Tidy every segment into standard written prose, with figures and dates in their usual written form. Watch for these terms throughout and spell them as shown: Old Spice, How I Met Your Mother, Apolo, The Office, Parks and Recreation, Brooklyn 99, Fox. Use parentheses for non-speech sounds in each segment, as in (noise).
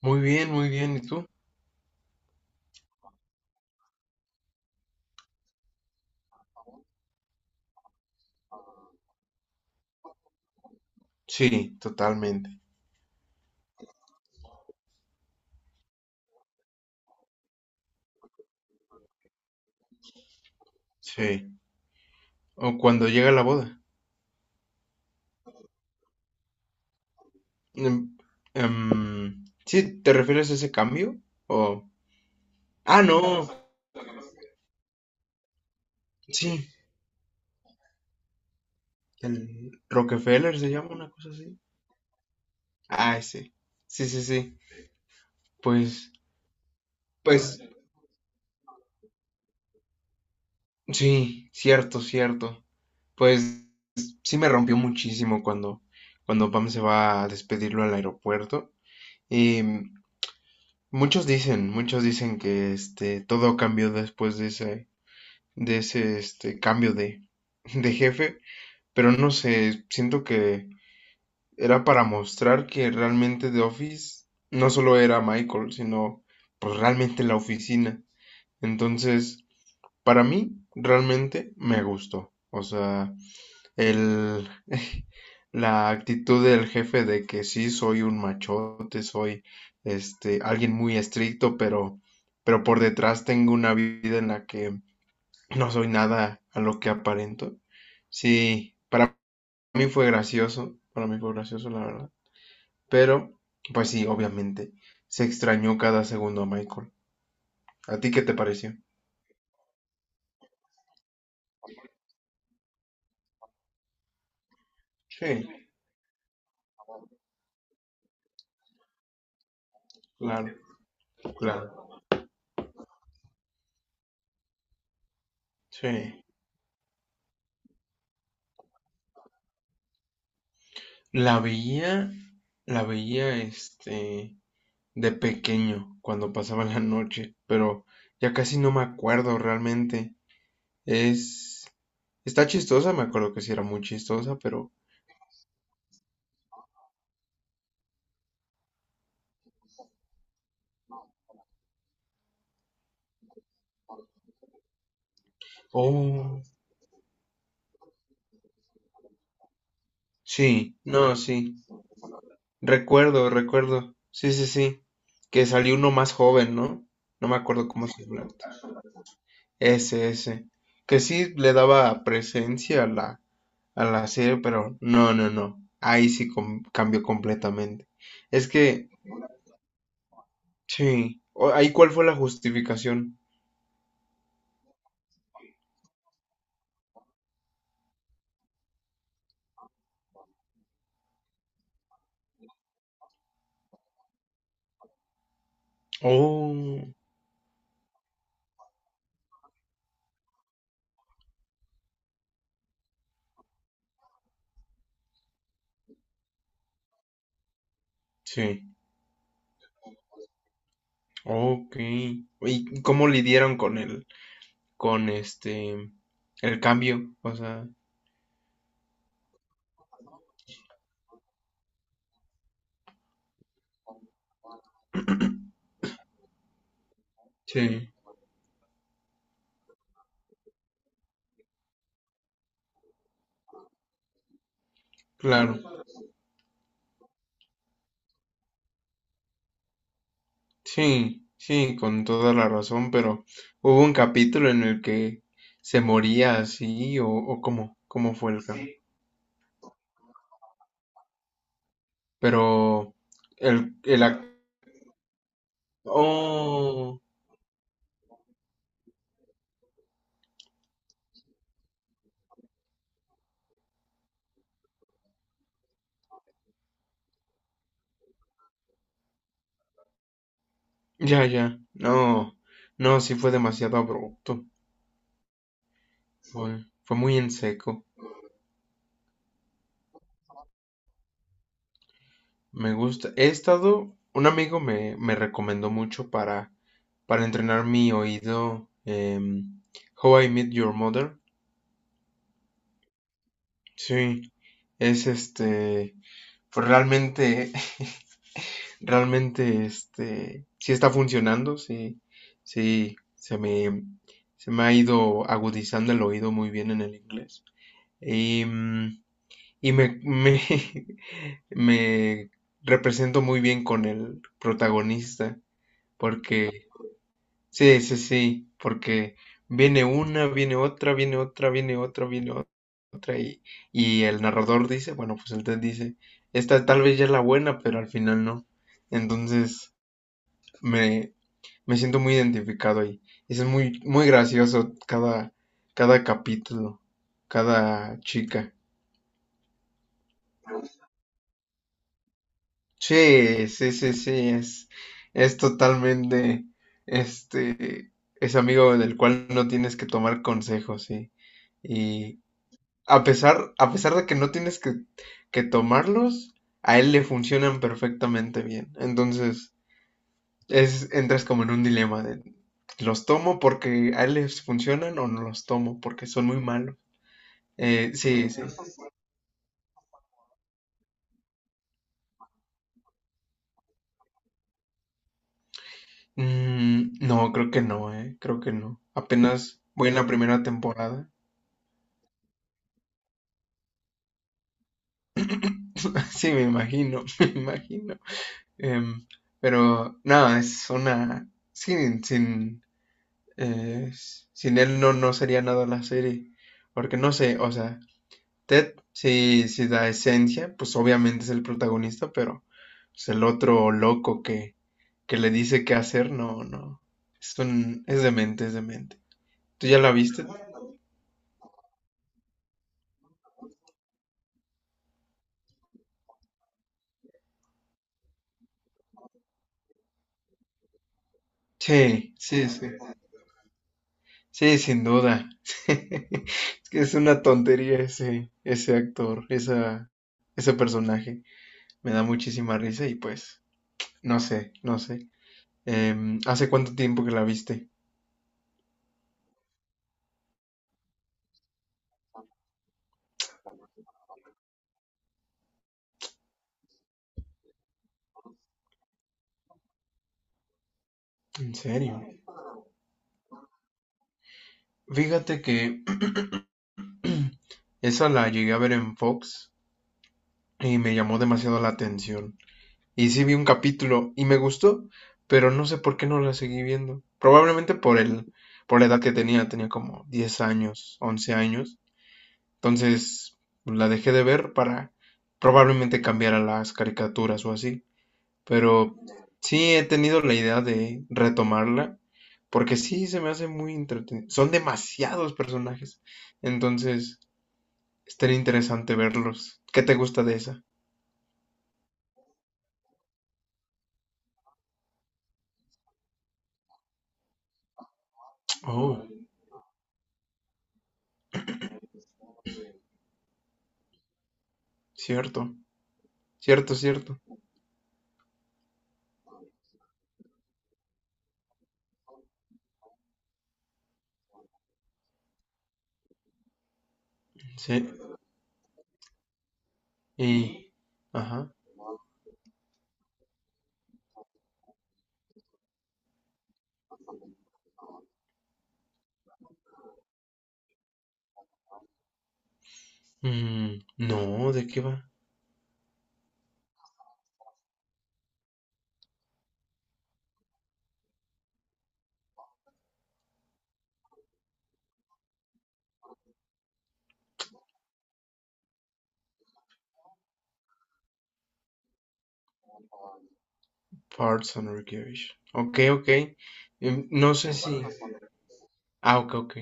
Muy bien, muy bien. ¿Y tú? Sí, totalmente. Sí. O cuando llega la boda. Em, sí, ¿te refieres a ese cambio? O... Ah, no. Sí, el Rockefeller se llama una cosa así. Ah, ese. Sí, sí, sí. Pues, pues, sí, cierto, cierto. Pues sí me rompió muchísimo cuando Pam se va a despedirlo al aeropuerto. Y muchos dicen que este todo cambió después de ese este, de jefe, pero no sé, siento que era para mostrar que realmente The Office no solo era Michael, sino pues realmente la oficina. Entonces, para mí, realmente me gustó. O sea, el, (laughs) la actitud del jefe de que sí soy un machote, soy este alguien muy estricto, pero por detrás tengo una vida en la que no soy nada a lo que aparento. Sí, para mí fue gracioso, para mí fue gracioso, la verdad. Pero, pues sí, obviamente, se extrañó cada segundo a Michael. ¿A ti qué te pareció? Sí, claro, claro. Sí. La veía, la veía, este, de pequeño, cuando pasaba la noche, pero ya casi no me acuerdo realmente. Es, está chistosa, me acuerdo que sí era muy chistosa, pero... Oh, sí, no, sí. Recuerdo, recuerdo. Sí, sí, sí. Que salió uno más joven, ¿no? No me acuerdo cómo se llama. Ese, ese. Que sí le daba presencia a a la serie, pero no, no, no. Ahí sí cambió completamente. Es que, sí. O- Ahí cuál fue la justificación. Oh, sí. Ok. ¿Y cómo lidieron con con este, el cambio? O sea, sí, claro. Sí, sí, con toda la razón, pero hubo un capítulo en el que se moría así, o cómo, cómo fue el caso. Pero el, el ac- Oh, ya, ya, no, no, sí fue demasiado abrupto, fue muy en seco. Me gusta. Un amigo me recomendó mucho para entrenar mi oído, How I Met Your Mother. Sí, es este. Pero realmente, (laughs) realmente, este, sí está funcionando, sí, sí, se me, se me ha ido agudizando el oído muy bien en el inglés. Y, y me, me, (laughs) me represento muy bien con el protagonista, porque sí, sí, sí, porque viene una, viene otra, viene otra, viene otra, viene o- otra, y el narrador dice, bueno, pues el TED dice, esta tal vez ya es la buena, pero al final no. Entonces me, me siento muy identificado ahí. Es muy, muy gracioso cada capítulo, cada chica. Sí, sí, sí, sí, es totalmente, este, es amigo del cual no tienes que tomar consejos, sí. Y, a pesar de que no tienes que tomarlos, a él le funcionan perfectamente bien. Entonces, es, entras como en un dilema de los tomo porque a él les funcionan o no los tomo porque son muy malos. Sí, sí. Mm, no, creo que no, eh. Creo que no. Apenas voy en la primera temporada. (laughs) Sí, me imagino, (laughs) me imagino. Em, pero nada, es una. Eh, sin él no, no sería nada la serie. Porque no sé, o sea, Ted sí, sí da esencia, pues obviamente es el protagonista, pero pues, el otro loco que le dice qué hacer, no, no. Es demente, es demente. ¿Tú ya la viste? Sí, sí, sí. Sí, sin duda. (laughs) Es que es una tontería ese actor, ese personaje. Me da muchísima risa y pues, no sé, no sé. Em, ¿hace cuánto tiempo que la viste? En serio. Fíjate que (clears throat) esa la llegué a ver en Fox y me llamó demasiado la atención. Y sí vi un capítulo y me gustó, pero no sé por qué no la seguí viendo. Probablemente por por la edad que tenía, tenía como 10 años, 11 años. Entonces la dejé de ver para probablemente cambiar a las caricaturas o así. Pero sí he tenido la idea de retomarla, porque sí se me hace muy entretenido. Son demasiados personajes, entonces estaría interesante verlos. ¿Qué te gusta de esa? Oh, cierto, cierto, cierto. Sí, y... Ajá. Mm, no, ¿de qué va? Parts and Recreation. Ok, ok. Em, no sé si... Ah, ok, ok.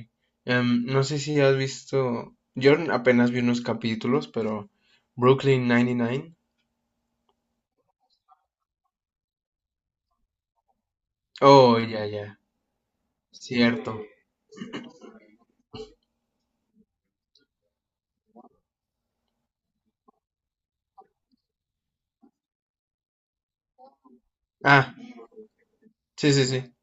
Em, no sé si has visto... Yo apenas vi unos capítulos, pero... Brooklyn 99. Oh, ya, ya, cierto. Ah, sí, sí, sí,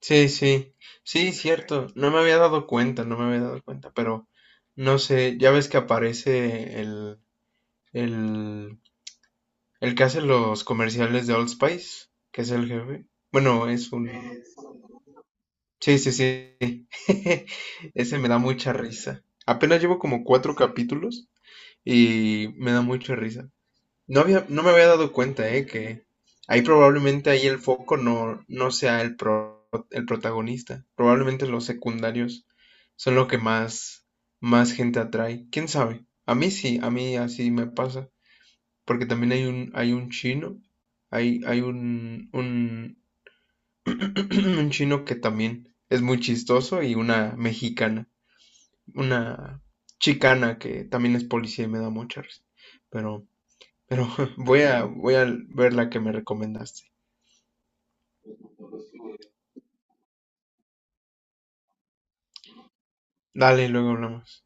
sí, sí, sí, cierto. No me había dado cuenta, no me había dado cuenta, pero no sé, ya ves que aparece el, el que hace los comerciales de Old Spice, que es el jefe. Bueno, es un... Sí, sí, sí. (laughs) Ese me da mucha risa. Apenas llevo como 4 capítulos y me da mucha risa. No me había dado cuenta, que ahí el foco no sea el protagonista. Probablemente los secundarios son lo que más gente atrae. ¿Quién sabe? A mí sí, a mí así me pasa. Porque también hay un chino, hay un, (clears throat) un chino que también es muy chistoso y una mexicana, una chicana que también es policía y me da mucha risa. Pero pero (laughs) voy a ver la que me recomendaste. Dale, luego hablamos.